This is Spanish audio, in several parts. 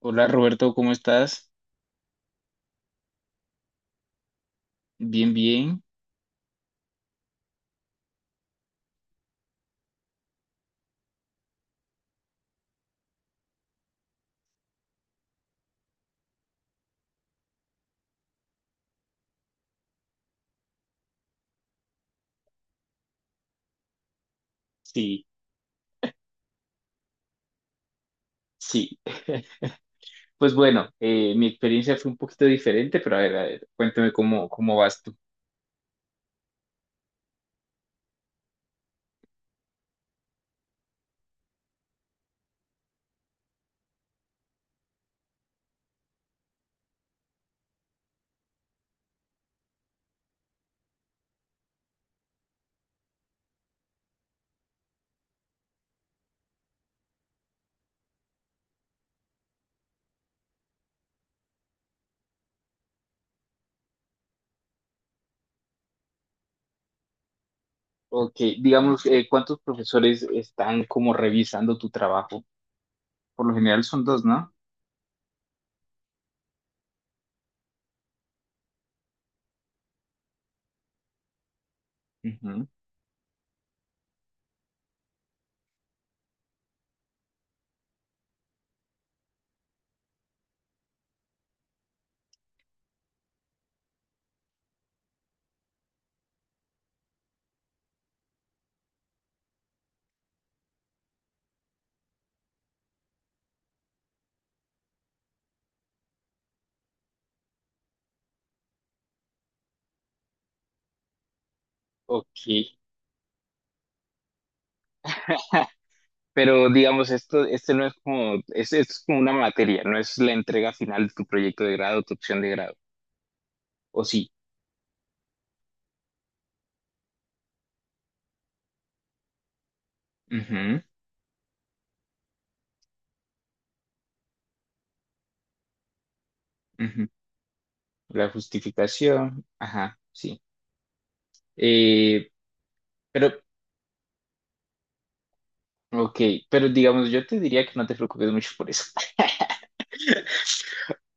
Hola Roberto, ¿cómo estás? Bien, bien. Sí, sí. Pues bueno, mi experiencia fue un poquito diferente, pero a ver, cuéntame cómo vas tú. Ok, digamos, ¿cuántos profesores están como revisando tu trabajo? Por lo general son dos, ¿no? Ujú. Ok. Pero digamos, este no es esto es como una materia, no es la entrega final de tu proyecto de grado, tu opción de grado, ¿o sí? Ujú, ujú. La justificación, ajá, sí. Eh, pero Ok, pero digamos, yo te diría que no te preocupes mucho por eso.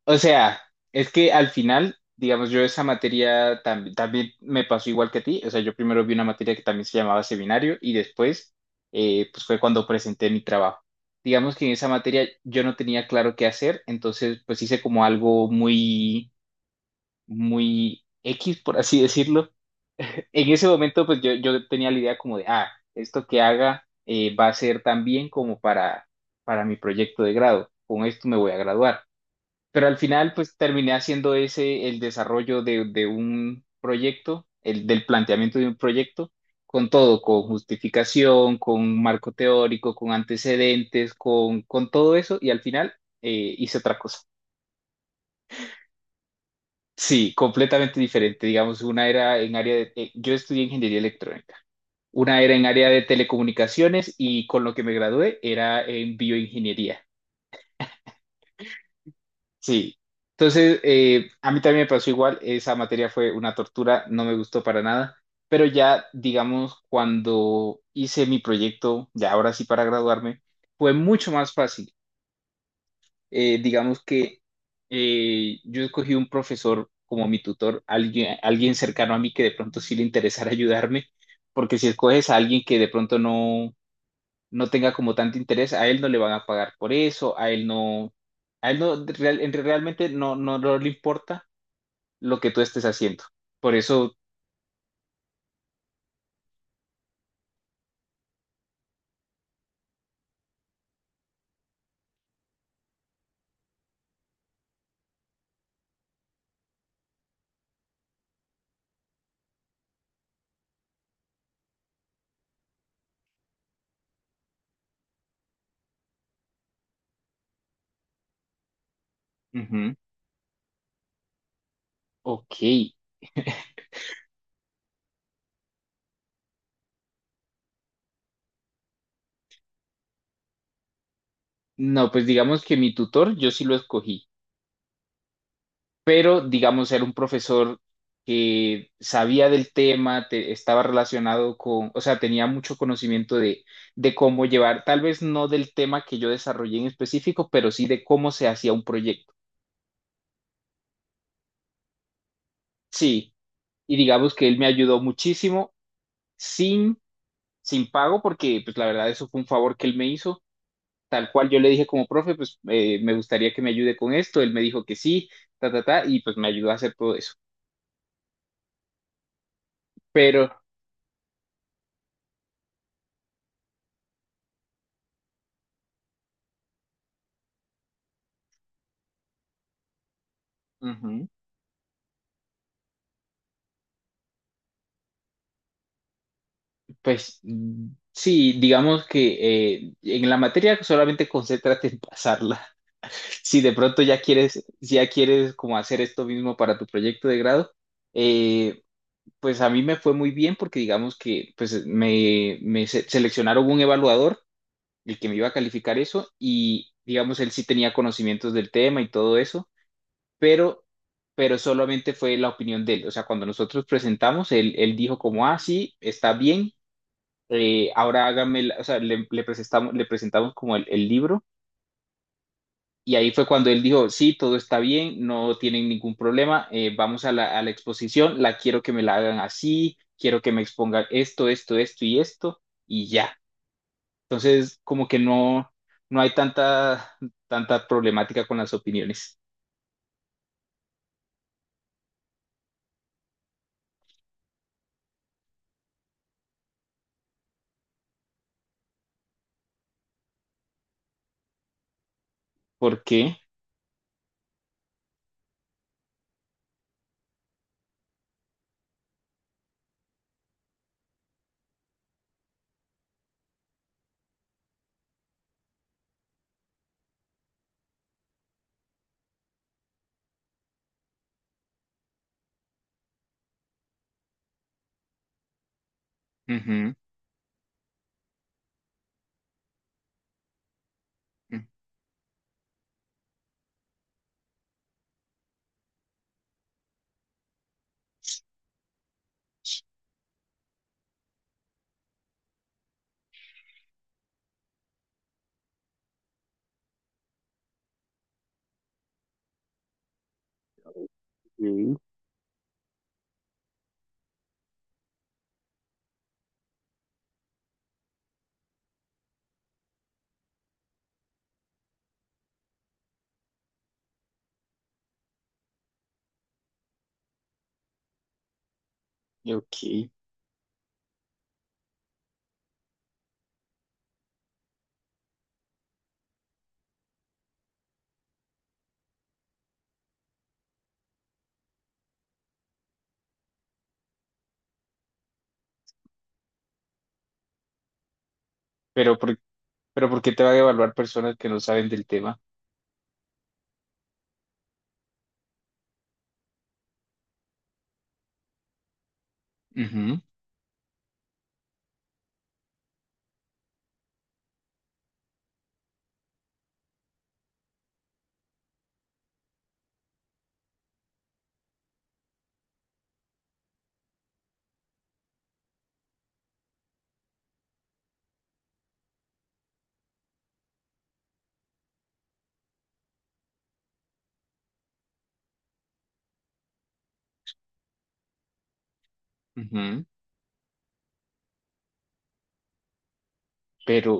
O sea, es que al final, digamos, yo esa materia también me pasó igual que a ti. O sea, yo primero vi una materia que también se llamaba seminario y después, pues fue cuando presenté mi trabajo. Digamos que en esa materia yo no tenía claro qué hacer, entonces pues hice como algo muy X, por así decirlo. En ese momento, pues yo tenía la idea como de, ah, esto que haga va a ser tan bien como para mi proyecto de grado, con esto me voy a graduar. Pero al final, pues terminé haciendo el desarrollo de un proyecto, el del planteamiento de un proyecto, con todo, con justificación, con un marco teórico, con antecedentes, con todo eso, y al final hice otra cosa. Sí, completamente diferente. Digamos, una era en área de... yo estudié ingeniería electrónica. Una era en área de telecomunicaciones y con lo que me gradué era en bioingeniería. Sí. Entonces, a mí también me pasó igual, esa materia fue una tortura, no me gustó para nada, pero ya, digamos, cuando hice mi proyecto, ya ahora sí para graduarme, fue mucho más fácil. Digamos que yo escogí un profesor como mi tutor, alguien, alguien cercano a mí que de pronto sí le interesara ayudarme, porque si escoges a alguien que de pronto no tenga como tanto interés, a él no le van a pagar por eso, a él realmente no le importa lo que tú estés haciendo. Por eso, ujú, ok, no, pues digamos que mi tutor yo sí lo escogí, pero digamos era un profesor que sabía del tema, estaba relacionado con, o sea, tenía mucho conocimiento de cómo llevar, tal vez no del tema que yo desarrollé en específico, pero sí de cómo se hacía un proyecto. Sí, y digamos que él me ayudó muchísimo sin, sin pago, porque pues la verdad eso fue un favor que él me hizo, tal cual yo le dije como profe, pues me gustaría que me ayude con esto, él me dijo que sí, ta, ta, ta, y pues me ayudó a hacer todo eso. Pero Ujú. Pues mm, sí, digamos que en la materia solamente concéntrate en pasarla. Si de pronto ya quieres, si ya quieres como hacer esto mismo para tu proyecto de grado, eh, pues a mí me fue muy bien porque digamos que seleccionaron un evaluador, el que me iba a calificar eso, y digamos él sí tenía conocimientos del tema y todo eso, pero pero solamente fue la opinión de él. O sea, cuando nosotros presentamos, él dijo como, ah, sí, está bien, ahora hágame, o sea, le presentamos como el libro, y ahí fue cuando él dijo, sí, todo está bien, no tienen ningún problema, vamos a a la exposición, la quiero que me la hagan así, quiero que me expongan esto, esto, esto y esto y ya. Entonces, como que no, no hay tanta problemática con las opiniones. ¿Por qué? Ujú, ujú, ok. Pero por, pero ¿por qué te van a evaluar personas que no saben del tema? Ujú, ujú. Pero,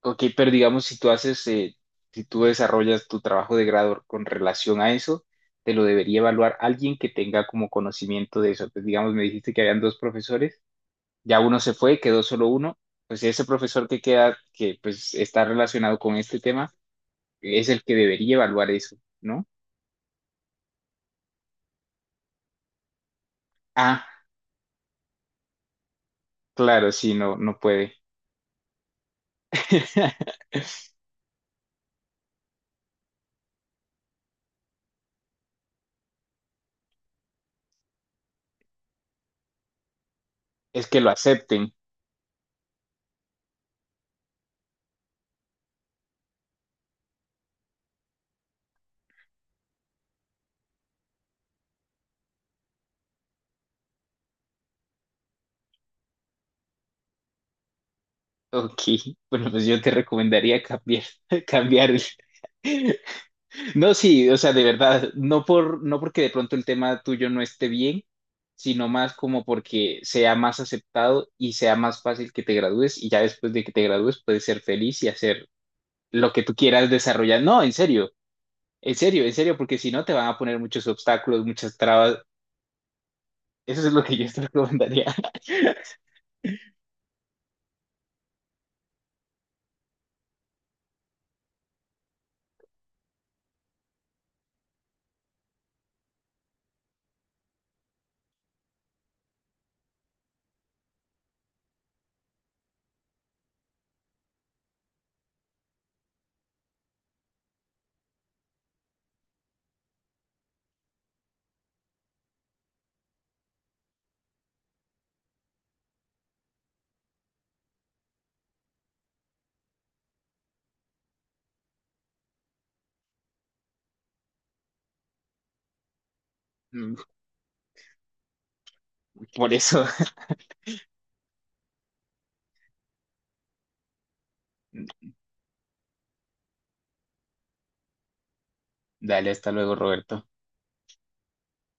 ok, pero digamos, si tú haces, si tú desarrollas tu trabajo de grado con relación a eso, te lo debería evaluar alguien que tenga como conocimiento de eso. Entonces, digamos, me dijiste que habían dos profesores, ya uno se fue, quedó solo uno, pues ese profesor que queda, que pues está relacionado con este tema, es el que debería evaluar eso, ¿no? Ah, claro, sí, no, no puede. Es que lo acepten. Ok, bueno, pues yo te recomendaría cambiar, cambiar. El- No, sí, o sea, de verdad, no porque de pronto el tema tuyo no esté bien, sino más como porque sea más aceptado y sea más fácil que te gradúes, y ya después de que te gradúes puedes ser feliz y hacer lo que tú quieras desarrollar. No, en serio, en serio, en serio, porque si no te van a poner muchos obstáculos, muchas trabas. Eso es lo que yo te recomendaría. Por eso, dale, hasta luego, Roberto.